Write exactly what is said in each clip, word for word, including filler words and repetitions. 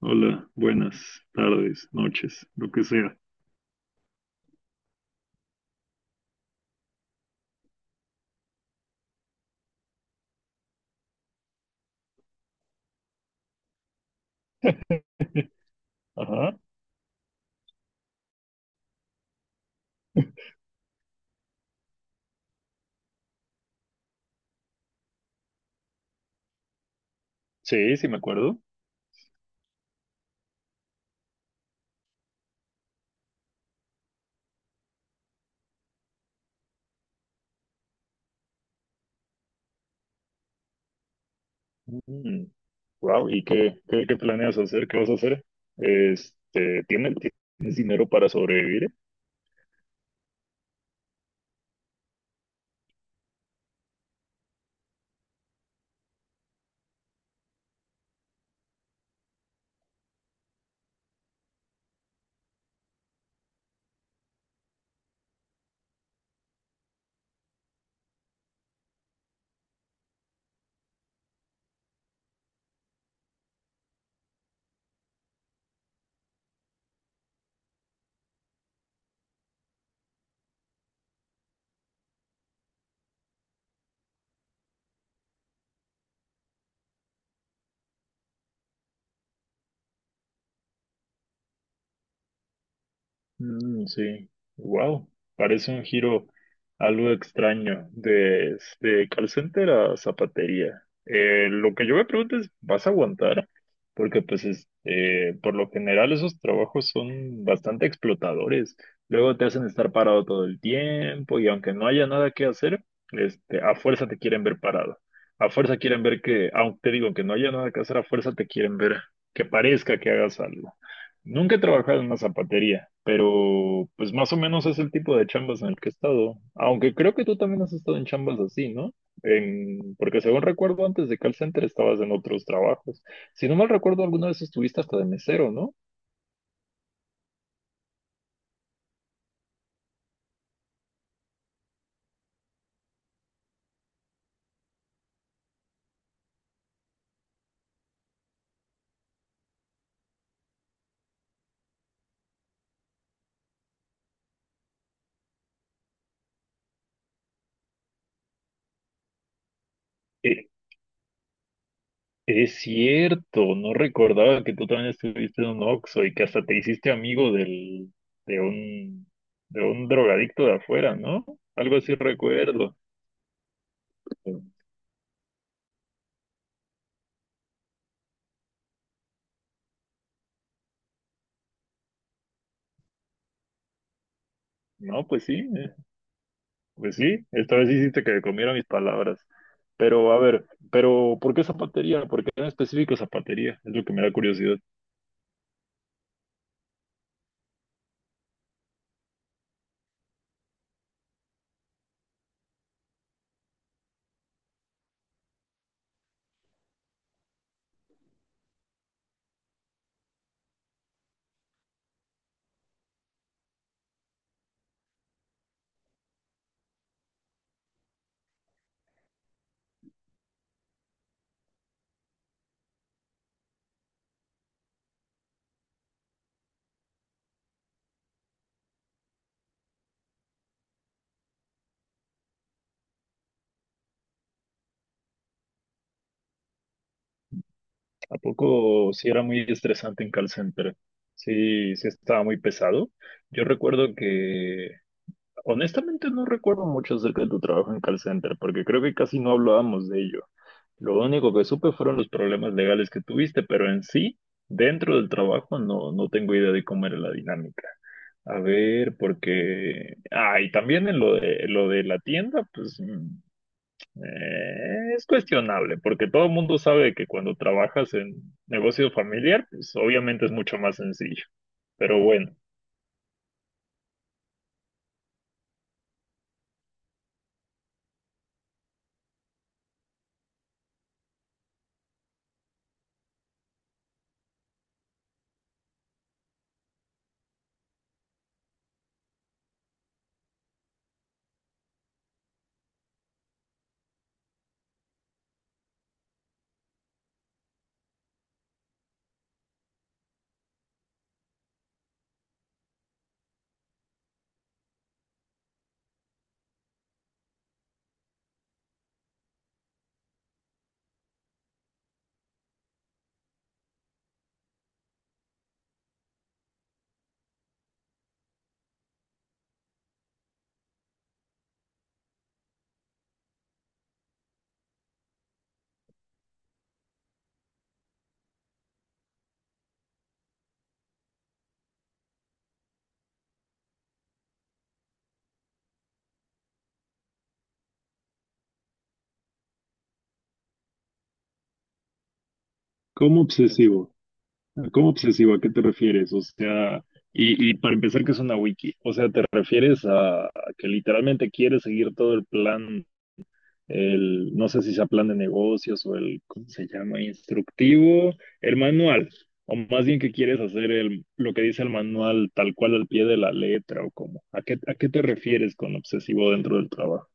Hola, buenas tardes, noches, lo que sea. Ajá, sí, sí me acuerdo. Mm, wow, ¿y qué, qué, qué planeas hacer? ¿Qué vas a hacer? Este, ¿tienes, tienes dinero para sobrevivir? Mm, sí, wow, parece un giro algo extraño de, de call center a zapatería. Eh, lo que yo me pregunto es, ¿vas a aguantar? Porque pues es- eh, por lo general esos trabajos son bastante explotadores. Luego te hacen estar parado todo el tiempo y aunque no haya nada que hacer, este, a fuerza te quieren ver parado. A fuerza quieren ver que, aunque te digo que no haya nada que hacer, a fuerza te quieren ver que parezca que hagas algo. Nunca he trabajado en una zapatería, pero pues más o menos es el tipo de chambas en el que he estado. Aunque creo que tú también has estado en chambas así, ¿no? En, porque según recuerdo, antes de call center estabas en otros trabajos. Si no mal recuerdo, alguna vez estuviste hasta de mesero, ¿no? Eh, es cierto, no recordaba que tú también estuviste en un Oxxo y que hasta te hiciste amigo del, de un, de un drogadicto de afuera, ¿no? Algo así recuerdo. No, pues sí. eh. Pues sí, esta vez hiciste que comiera mis palabras. Pero a ver, pero ¿por qué zapatería? ¿Por qué en específico zapatería? Es lo que me da curiosidad. ¿A poco sí era muy estresante en call center? Sí, sí estaba muy pesado. Yo recuerdo que, honestamente no recuerdo mucho acerca de tu trabajo en call center, porque creo que casi no hablábamos de ello. Lo único que supe fueron los problemas legales que tuviste, pero en sí, dentro del trabajo, no, no tengo idea de cómo era la dinámica. A ver, porque... Ah, y también en lo de, lo de la tienda, pues mm, eh, es cuestionable, porque todo el mundo sabe que cuando trabajas en negocio familiar, pues obviamente es mucho más sencillo. Pero bueno, ¿cómo obsesivo? ¿Cómo obsesivo? ¿A qué te refieres? O sea, y, y para empezar, ¿qué es una wiki? O sea, ¿te refieres a que literalmente quieres seguir todo el plan el, no sé si sea plan de negocios o el, ¿cómo se llama? Instructivo, el manual, o más bien que quieres hacer el, lo que dice el manual tal cual al pie de la letra o cómo. ¿A qué, a qué te refieres con obsesivo dentro del trabajo?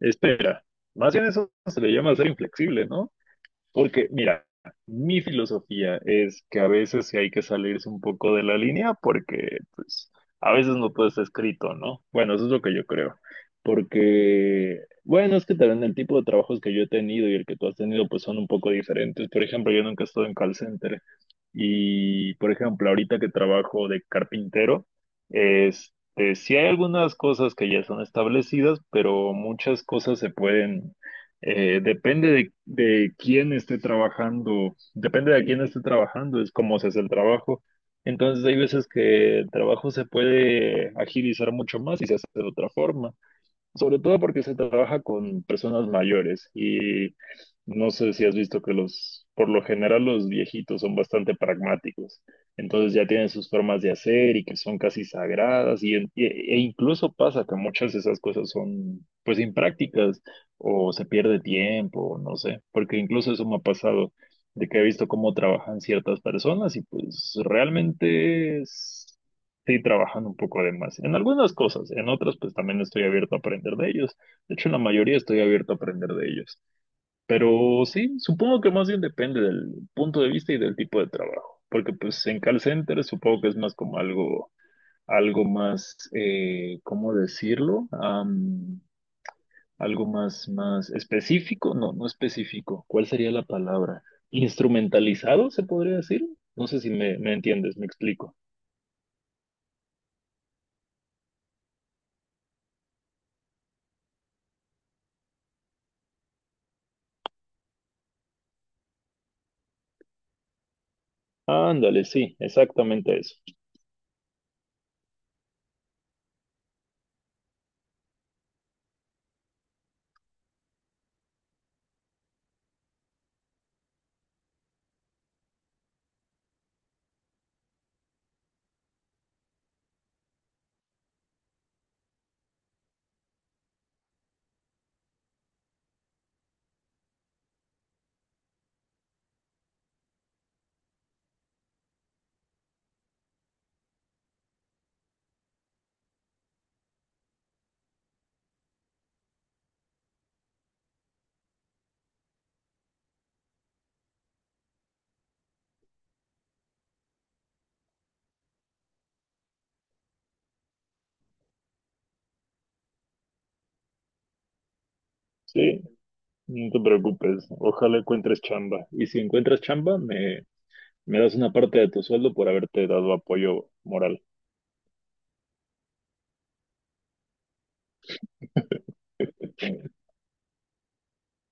Espera, más bien eso se le llama ser inflexible, ¿no? Porque, mira, mi filosofía es que a veces sí hay que salirse un poco de la línea porque, pues, a veces no todo está escrito, ¿no? Bueno, eso es lo que yo creo. Porque, bueno, es que también el tipo de trabajos que yo he tenido y el que tú has tenido, pues, son un poco diferentes. Por ejemplo, yo nunca he estado en call center. Y, por ejemplo, ahorita que trabajo de carpintero, este, sí hay algunas cosas que ya son establecidas, pero muchas cosas se pueden eh, depende de, de quién esté trabajando, depende de quién esté trabajando, es cómo se hace el trabajo. Entonces hay veces que el trabajo se puede agilizar mucho más y se hace de otra forma. Sobre todo porque se trabaja con personas mayores y no sé si has visto que los, por lo general los viejitos son bastante pragmáticos, entonces ya tienen sus formas de hacer y que son casi sagradas y, en- e e incluso pasa que muchas de esas cosas son pues imprácticas o se pierde tiempo, no sé, porque incluso eso me ha pasado de que he visto cómo trabajan ciertas personas y pues realmente sí trabajan un poco de más. En algunas cosas, en otras pues también estoy abierto a aprender de ellos. De hecho, en la mayoría estoy abierto a aprender de ellos. Pero sí, supongo que más bien depende del punto de vista y del tipo de trabajo. Porque pues en call center supongo que es más como algo, algo más, eh, ¿cómo decirlo? Am, algo más, más específico. No, no específico. ¿Cuál sería la palabra? Instrumentalizado, se podría decir. No sé si me, me entiendes, me explico. Ándale, sí, exactamente eso. Sí, no te preocupes. Ojalá encuentres chamba. Y si encuentras chamba, me, me das una parte de tu sueldo por haberte dado apoyo moral.